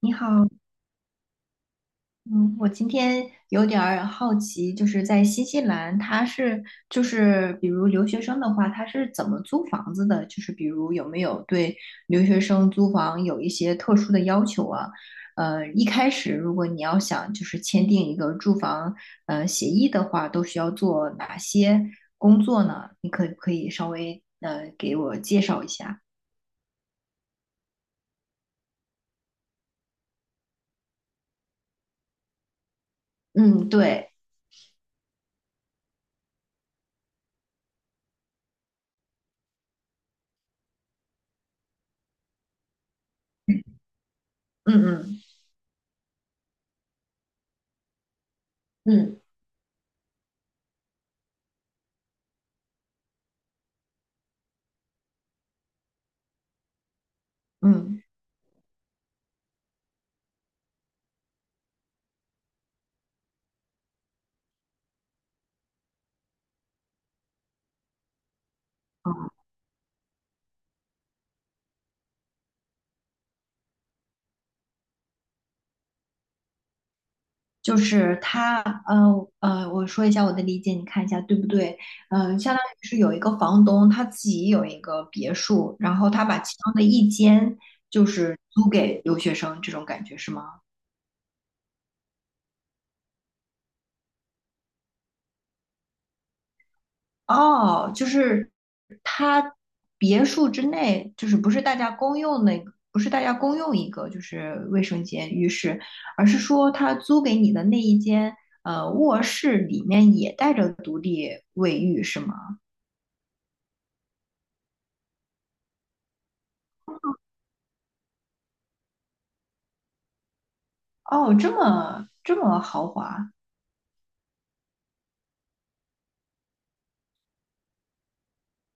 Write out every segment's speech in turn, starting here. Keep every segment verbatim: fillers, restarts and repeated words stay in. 你好，嗯，我今天有点儿好奇，就是在新西兰，他是就是比如留学生的话，他是怎么租房子的？就是比如有没有对留学生租房有一些特殊的要求啊？呃，一开始如果你要想就是签订一个住房呃协议的话，都需要做哪些工作呢？你可不可以稍微呃给我介绍一下？嗯，对，嗯嗯嗯，嗯，就是他，呃呃，我说一下我的理解，你看一下对不对？嗯，相当于是有一个房东，他自己有一个别墅，然后他把其中的一间就是租给留学生，这种感觉是吗？哦，就是他别墅之内，就是不是大家公用那个，不是大家公用一个就是卫生间、浴室，而是说他租给你的那一间，呃，卧室里面也带着独立卫浴，是吗？哦，这么这么豪华。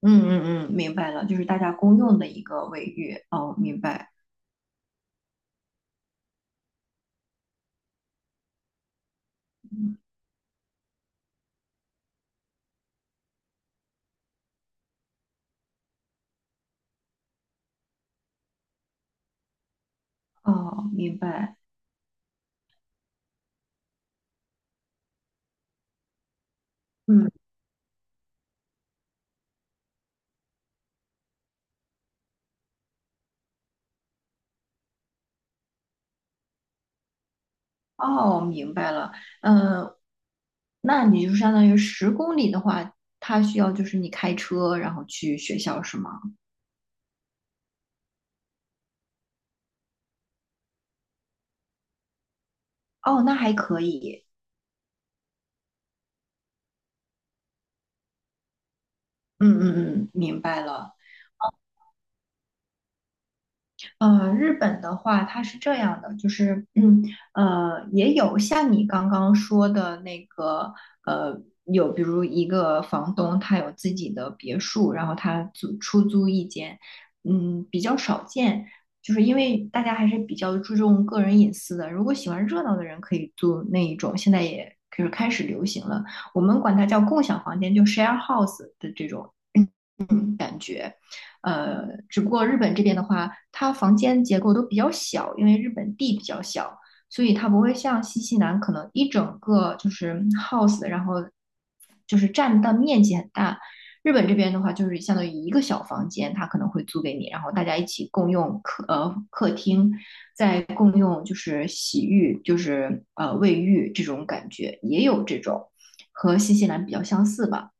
嗯嗯嗯，明白了，就是大家公用的一个卫浴。哦，明白。哦，明白。嗯，哦，明白了。嗯，那你就相当于十公里的话，它需要就是你开车然后去学校是吗？哦，那还可以。嗯嗯嗯，明白了。呃，日本的话，它是这样的，就是，嗯，呃，也有像你刚刚说的那个，呃，有比如一个房东他有自己的别墅，然后他租出租一间，嗯，比较少见，就是因为大家还是比较注重个人隐私的。如果喜欢热闹的人可以租那一种，现在也就是开始流行了，我们管它叫共享房间，就 share house 的这种。呃，只不过日本这边的话，它房间结构都比较小，因为日本地比较小，所以它不会像新西兰可能一整个就是 house，然后就是占的面积很大。日本这边的话，就是相当于一个小房间，它可能会租给你，然后大家一起共用客呃客厅，再共用就是洗浴，就是呃卫浴这种感觉，也有这种和新西兰比较相似吧。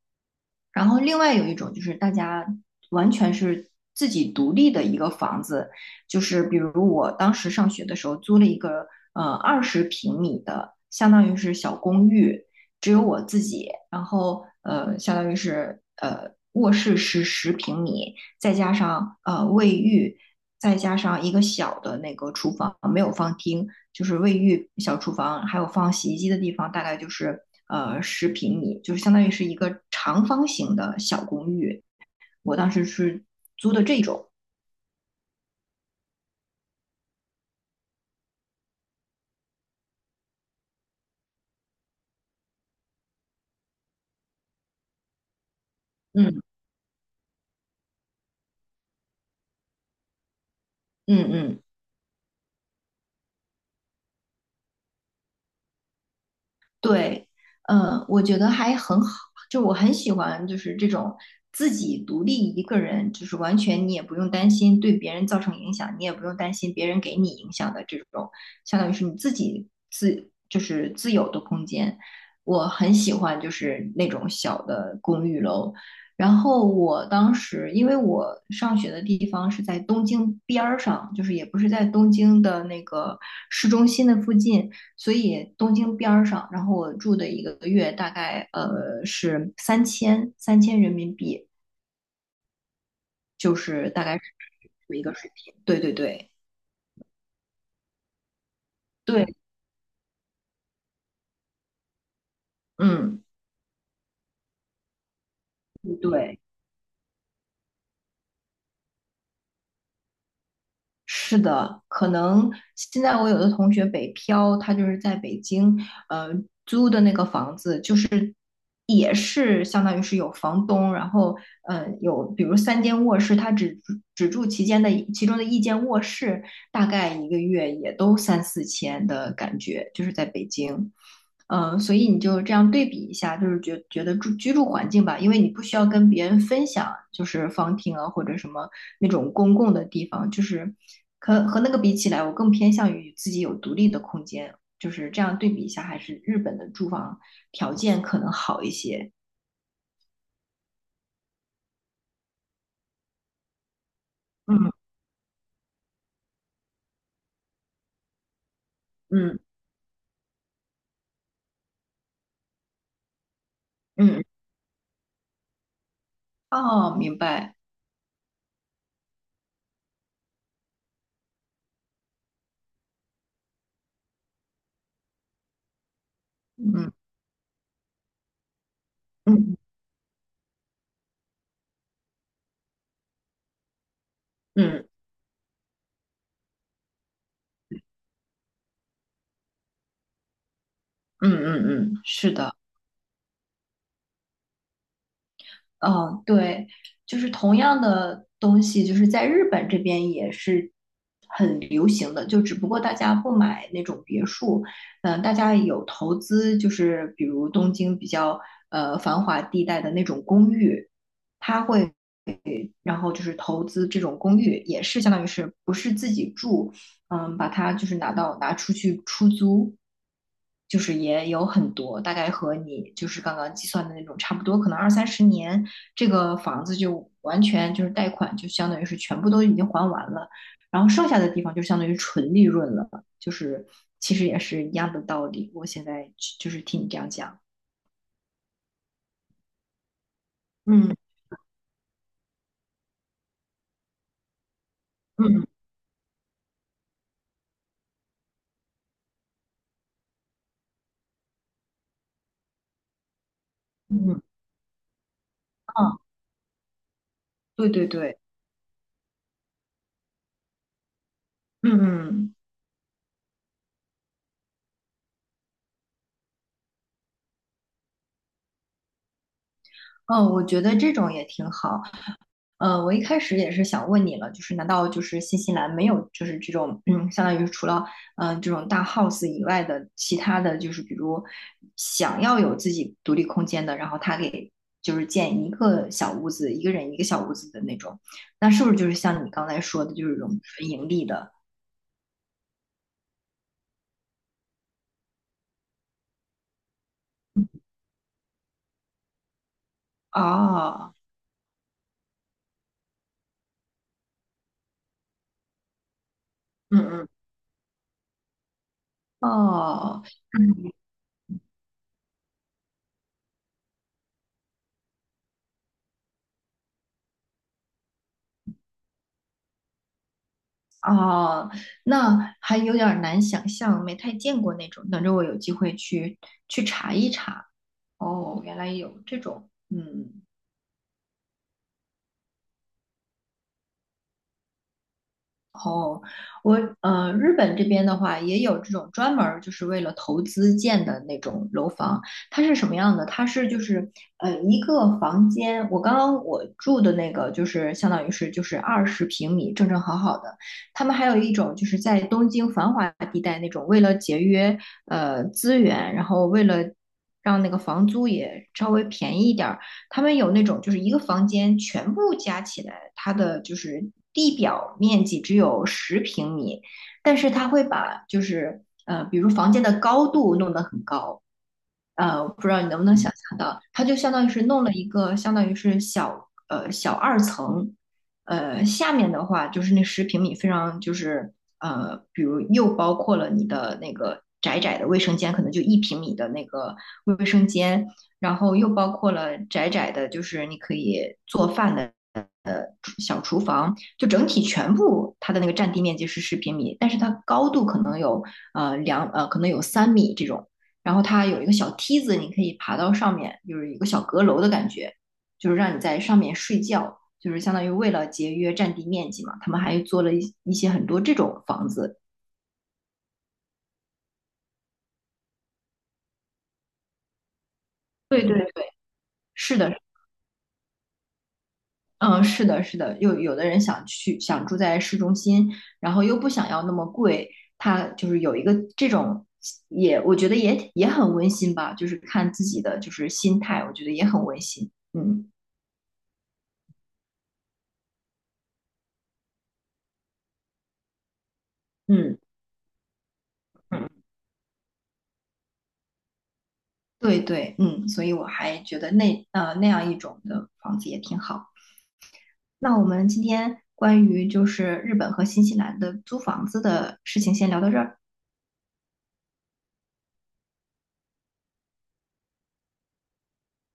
然后另外有一种就是大家完全是自己独立的一个房子，就是比如我当时上学的时候租了一个呃二十平米的，相当于是小公寓，只有我自己，然后呃相当于是呃卧室是十平米，再加上呃卫浴，再加上一个小的那个厨房，没有放厅，就是卫浴、小厨房，还有放洗衣机的地方，大概就是呃十平米，就是相当于是一个长方形的小公寓。我当时是租的这种，嗯嗯嗯对，嗯，我觉得还很好，就我很喜欢，就是这种自己独立一个人，就是完全你也不用担心对别人造成影响，你也不用担心别人给你影响的这种，相当于是你自己自就是自有的空间。我很喜欢就是那种小的公寓楼。然后我当时，因为我上学的地方是在东京边儿上，就是也不是在东京的那个市中心的附近，所以东京边上，然后我住的一个月大概呃是三千三千人民币，就是大概是一个水平。对对对对，嗯，对。是的，可能现在我有的同学北漂，他就是在北京，呃，租的那个房子，就是也是相当于是有房东，然后呃有比如三间卧室，他只住只住其间的其中的一间卧室，大概一个月也都三四千的感觉，就是在北京。呃，所以你就这样对比一下，就是觉觉得住居住环境吧。因为你不需要跟别人分享，就是方厅啊或者什么那种公共的地方，就是和和那个比起来，我更偏向于自己有独立的空间，就是这样对比一下，还是日本的住房条件可能好一些。嗯嗯嗯，嗯哦，明白，嗯嗯嗯嗯嗯嗯，嗯是的。嗯，对，就是同样的东西，就是在日本这边也是很流行的，就只不过大家不买那种别墅，嗯，大家有投资，就是比如东京比较呃繁华地带的那种公寓，会。然后就是投资这种公寓，也是相当于是不是自己住，嗯，把它就是拿到拿出去出租，就是也有很多，大概和你就是刚刚计算的那种差不多，可能二三十年这个房子就完全就是贷款就相当于是全部都已经还完了，然后剩下的地方就相当于纯利润了，就是其实也是一样的道理。我现在就是听你这样讲，嗯嗯嗯，啊，对对对，嗯嗯。嗯，我觉得这种也挺好。呃，我一开始也是想问你了，就是难道就是新西兰没有就是这种嗯，相当于是除了嗯这种大 house 以外的其他的就是比如想要有自己独立空间的，然后他给就是建一个小屋子，一个人一个小屋子的那种，那是不是就是像你刚才说的，就是这种纯盈利的？哦，嗯嗯，哦。哦，那还有点儿难想象，没太见过那种。等着我有机会去去查一查。哦，原来有这种，嗯。哦，我呃，日本这边的话也有这种专门儿就是为了投资建的那种楼房，它是什么样的？它是就是呃一个房间，我刚刚我住的那个就是相当于是就是二十平米，正正好好的。他们还有一种就是在东京繁华地带那种，为了节约呃资源，然后为了让那个房租也稍微便宜一点，他们有那种就是一个房间全部加起来，它的就是地表面积只有十平米，但是它会把就是呃，比如房间的高度弄得很高。呃，我不知道你能不能想象到，它就相当于是弄了一个，相当于是小呃小二层。呃下面的话就是那十平米非常就是呃，比如又包括了你的那个窄窄的卫生间，可能就一平米的那个卫生间，然后又包括了窄窄的，就是你可以做饭的。呃，小厨房就整体全部它的那个占地面积是十平米，但是它高度可能有呃两呃可能有三米这种。然后它有一个小梯子，你可以爬到上面，就是一个小阁楼的感觉，就是让你在上面睡觉，就是相当于为了节约占地面积嘛，他们还做了一一些很多这种房子。对对对，是的，嗯，是的，是的，有有的人想去想住在市中心，然后又不想要那么贵，他就是有一个这种也，我觉得也也很温馨吧，就是看自己的就是心态，我觉得也很温馨。嗯嗯嗯。对对，嗯，所以我还觉得那呃那样一种的房子也挺好。那我们今天关于就是日本和新西兰的租房子的事情先聊到这儿。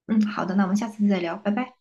嗯，好的，那我们下次再聊，拜拜。